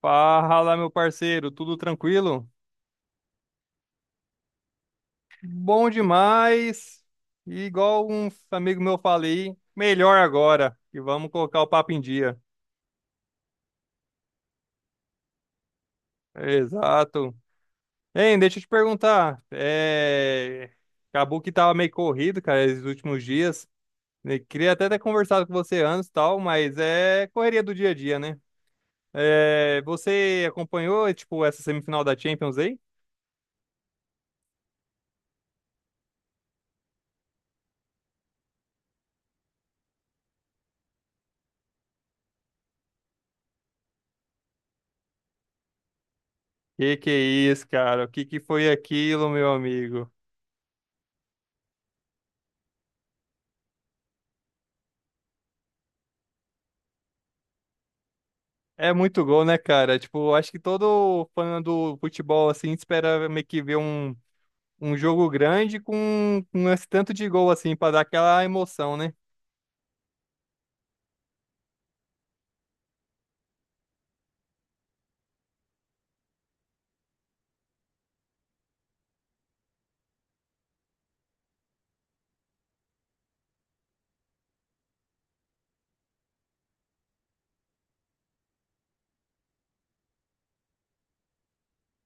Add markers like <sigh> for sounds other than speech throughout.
Fala, meu parceiro, tudo tranquilo? Bom demais. E igual um amigo meu falei, melhor agora. E vamos colocar o papo em dia. Exato. Hein, deixa eu te perguntar. Acabou que tava meio corrido, cara, esses últimos dias. Eu queria até ter conversado com você antes e tal, mas é correria do dia a dia, né? Você acompanhou, tipo, essa semifinal da Champions aí? Que é isso, cara? O que que foi aquilo, meu amigo? É muito gol, né, cara? Tipo, acho que todo fã do futebol, assim, espera meio que ver um jogo grande com esse tanto de gol, assim, pra dar aquela emoção, né?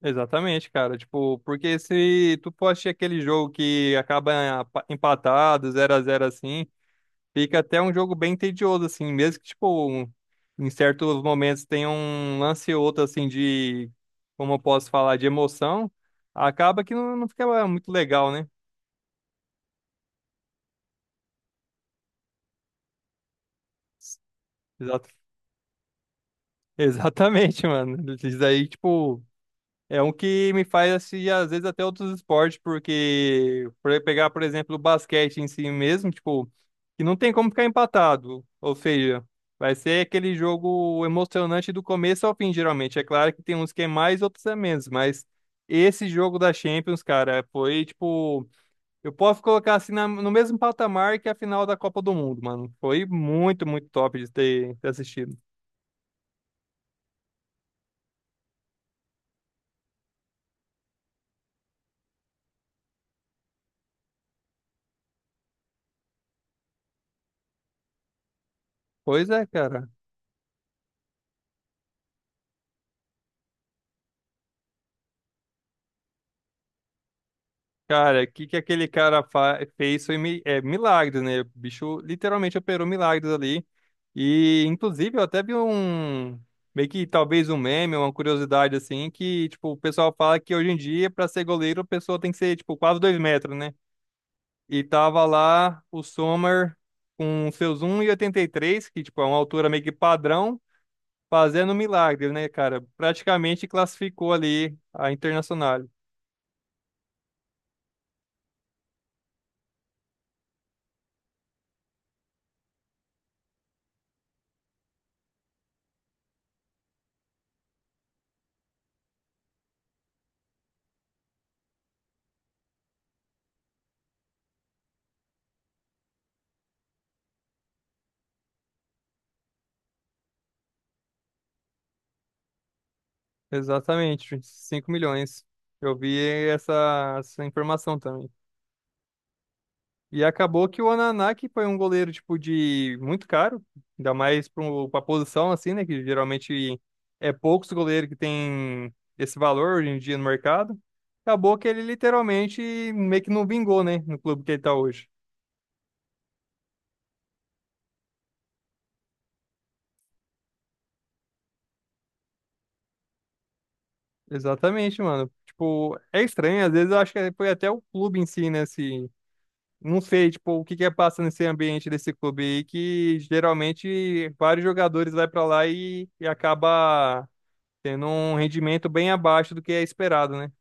Exatamente, cara. Tipo, porque se tu for assistir aquele jogo que acaba empatado, 0-0 assim, fica até um jogo bem tedioso, assim, mesmo que, tipo, em certos momentos tenha um lance ou outro, assim, de, como eu posso falar, de emoção, acaba que não fica muito legal, né? Exatamente, <laughs> mano. Isso daí, tipo, é um que me faz assim, às vezes até outros esportes, porque por pegar, por exemplo, o basquete em si mesmo, tipo, que não tem como ficar empatado. Ou seja, vai ser aquele jogo emocionante do começo ao fim, geralmente. É claro que tem uns que é mais, outros é menos, mas esse jogo da Champions, cara, foi tipo, eu posso colocar assim no mesmo patamar que a final da Copa do Mundo, mano. Foi muito, muito top de ter assistido. Pois é, cara. Cara, o que que aquele cara fez foi milagres, né? O bicho literalmente operou milagres ali. E, inclusive, eu até vi um. Meio que talvez um meme, uma curiosidade assim, que, tipo, o pessoal fala que hoje em dia, pra ser goleiro, a pessoa tem que ser, tipo, quase 2 metros, né? E tava lá o Sommer com seus um e oitenta e três que, tipo, é uma altura meio que padrão, fazendo milagres, né, cara? Praticamente classificou ali a Internacional. Exatamente, 5 milhões. Eu vi essa informação também. E acabou que o Onaná, que foi um goleiro tipo de muito caro, ainda mais para a posição assim, né, que geralmente é poucos goleiros que tem esse valor hoje em dia no mercado. Acabou que ele literalmente meio que não vingou, né, no clube que ele tá hoje. Exatamente, mano. Tipo, é estranho, às vezes eu acho que foi até o clube em si, né, se não sei, tipo, o que que é passa nesse ambiente desse clube aí, que geralmente vários jogadores vai pra lá e acaba tendo um rendimento bem abaixo do que é esperado, né?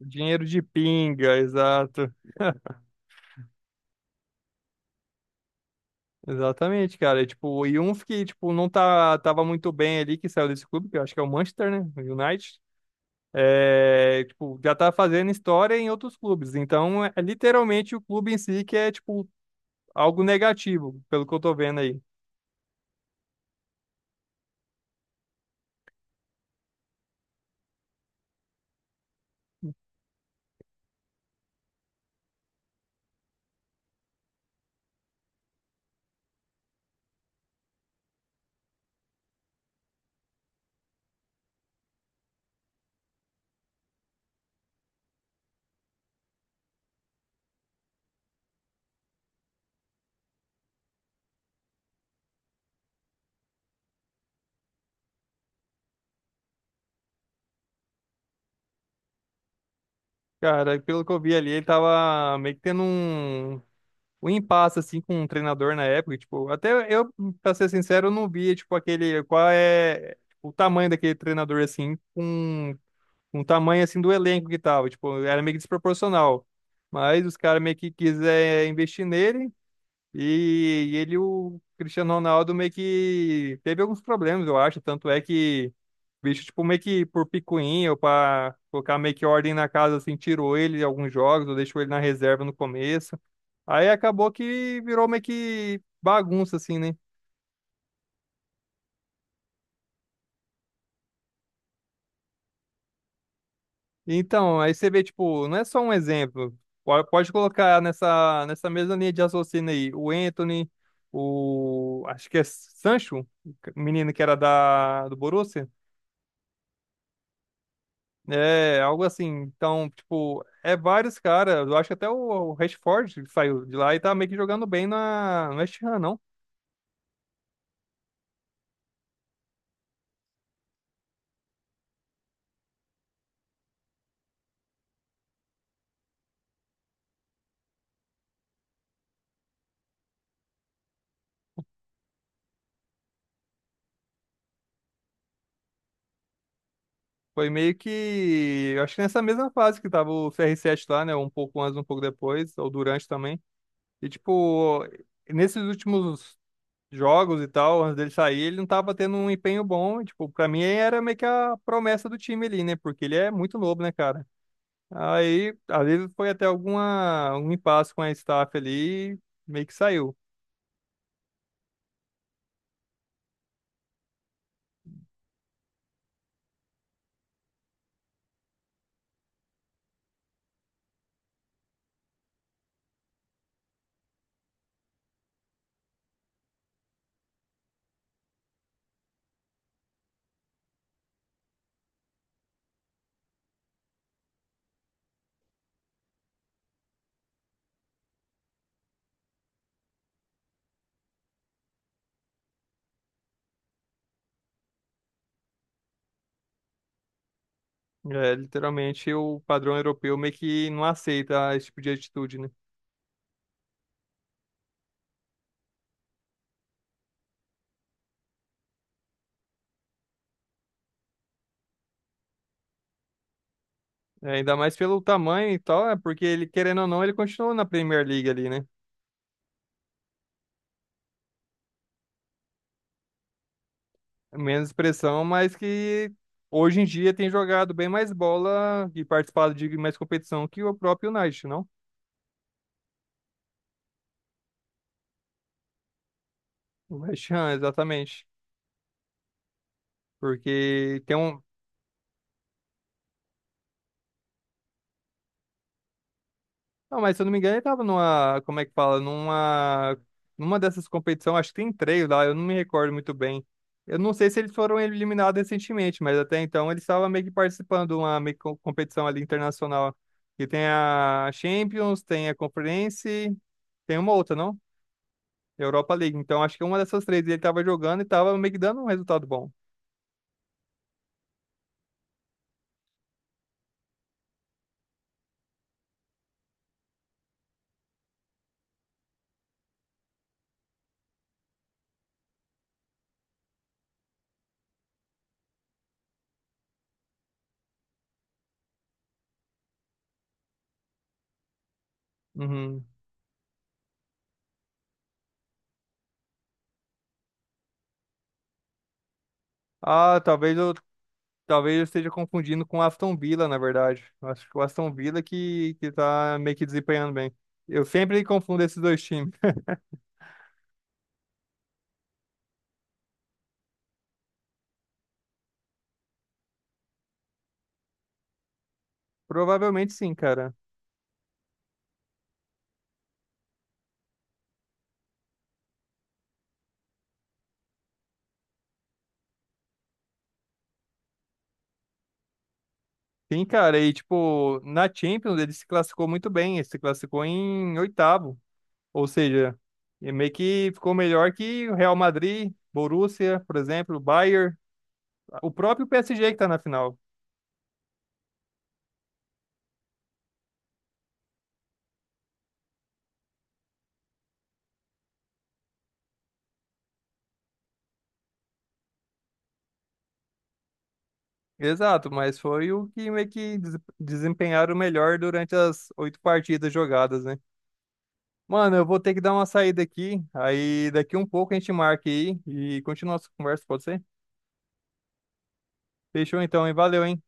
Dinheiro de pinga, exato. Exatamente, cara. E, tipo, e um que, tipo, não tá, tava muito bem ali, que saiu desse clube, que eu acho que é o Manchester, né? O United. É, tipo, já tá fazendo história em outros clubes. Então, é literalmente o clube em si que é, tipo, algo negativo, pelo que eu tô vendo aí. Cara, pelo que eu vi ali, ele tava meio que tendo um impasse, assim, com um treinador na época. Tipo, até eu, pra ser sincero, eu não via, tipo, aquele, qual é tipo, o tamanho daquele treinador, assim, com o tamanho, assim, do elenco que tava. Tipo, era meio que desproporcional. Mas os caras meio que quiser investir nele, e ele, o Cristiano Ronaldo, meio que teve alguns problemas, eu acho. Tanto é que o bicho, tipo, meio que por picuinha ou pra colocar meio que ordem na casa, assim, tirou ele de alguns jogos ou deixou ele na reserva no começo. Aí acabou que virou meio que bagunça, assim, né? Então, aí você vê, tipo, não é só um exemplo. Pode colocar nessa, mesma linha de raciocínio aí o Anthony, o. Acho que é Sancho, o menino que era da, do Borussia. É, algo assim. Então, tipo, é vários caras. Eu acho que até o Rashford saiu de lá e tá meio que jogando bem na, no West Ham, não? Foi meio que. Eu acho que nessa mesma fase que tava o CR7 lá, né? Um pouco antes, um pouco depois, ou durante também. E, tipo, nesses últimos jogos e tal, antes dele sair, ele não tava tendo um empenho bom. E, tipo, pra mim era meio que a promessa do time ali, né? Porque ele é muito novo, né, cara? Aí, às vezes foi até alguma, algum impasse com a staff ali. Meio que saiu. É, literalmente o padrão europeu meio que não aceita esse tipo de atitude, né? É, ainda mais pelo tamanho e tal, é porque ele, querendo ou não, ele continua na Premier League ali, né? Menos pressão, mas que hoje em dia tem jogado bem mais bola e participado de mais competição que o próprio United, não? O West Ham, exatamente. Porque tem um, não, mas se eu não me engano, ele tava numa, como é que fala, numa dessas competições, acho que tem três lá, eu não me recordo muito bem. Eu não sei se eles foram eliminados recentemente, mas até então eles estavam meio que participando de uma meio que competição ali internacional. E tem a Champions, tem a Conference, tem uma outra, não? Europa League. Então acho que uma dessas três ele tava jogando e tava meio que dando um resultado bom. Uhum. Ah, talvez eu Talvez eu esteja confundindo com o Aston Villa, na verdade. Eu acho que o Aston Villa que tá meio que desempenhando bem. Eu sempre confundo esses dois times. <laughs> Provavelmente sim, cara. Sim, cara. E, tipo, na Champions ele se classificou muito bem. Ele se classificou em oitavo. Ou seja, e meio que ficou melhor que o Real Madrid, Borussia, por exemplo, Bayern, o próprio PSG que tá na final. Exato, mas foi o que meio que desempenharam melhor durante as 8 partidas jogadas, né? Mano, eu vou ter que dar uma saída aqui. Aí daqui um pouco a gente marca aí e continua a nossa conversa, pode ser? Fechou então, hein? Valeu, hein?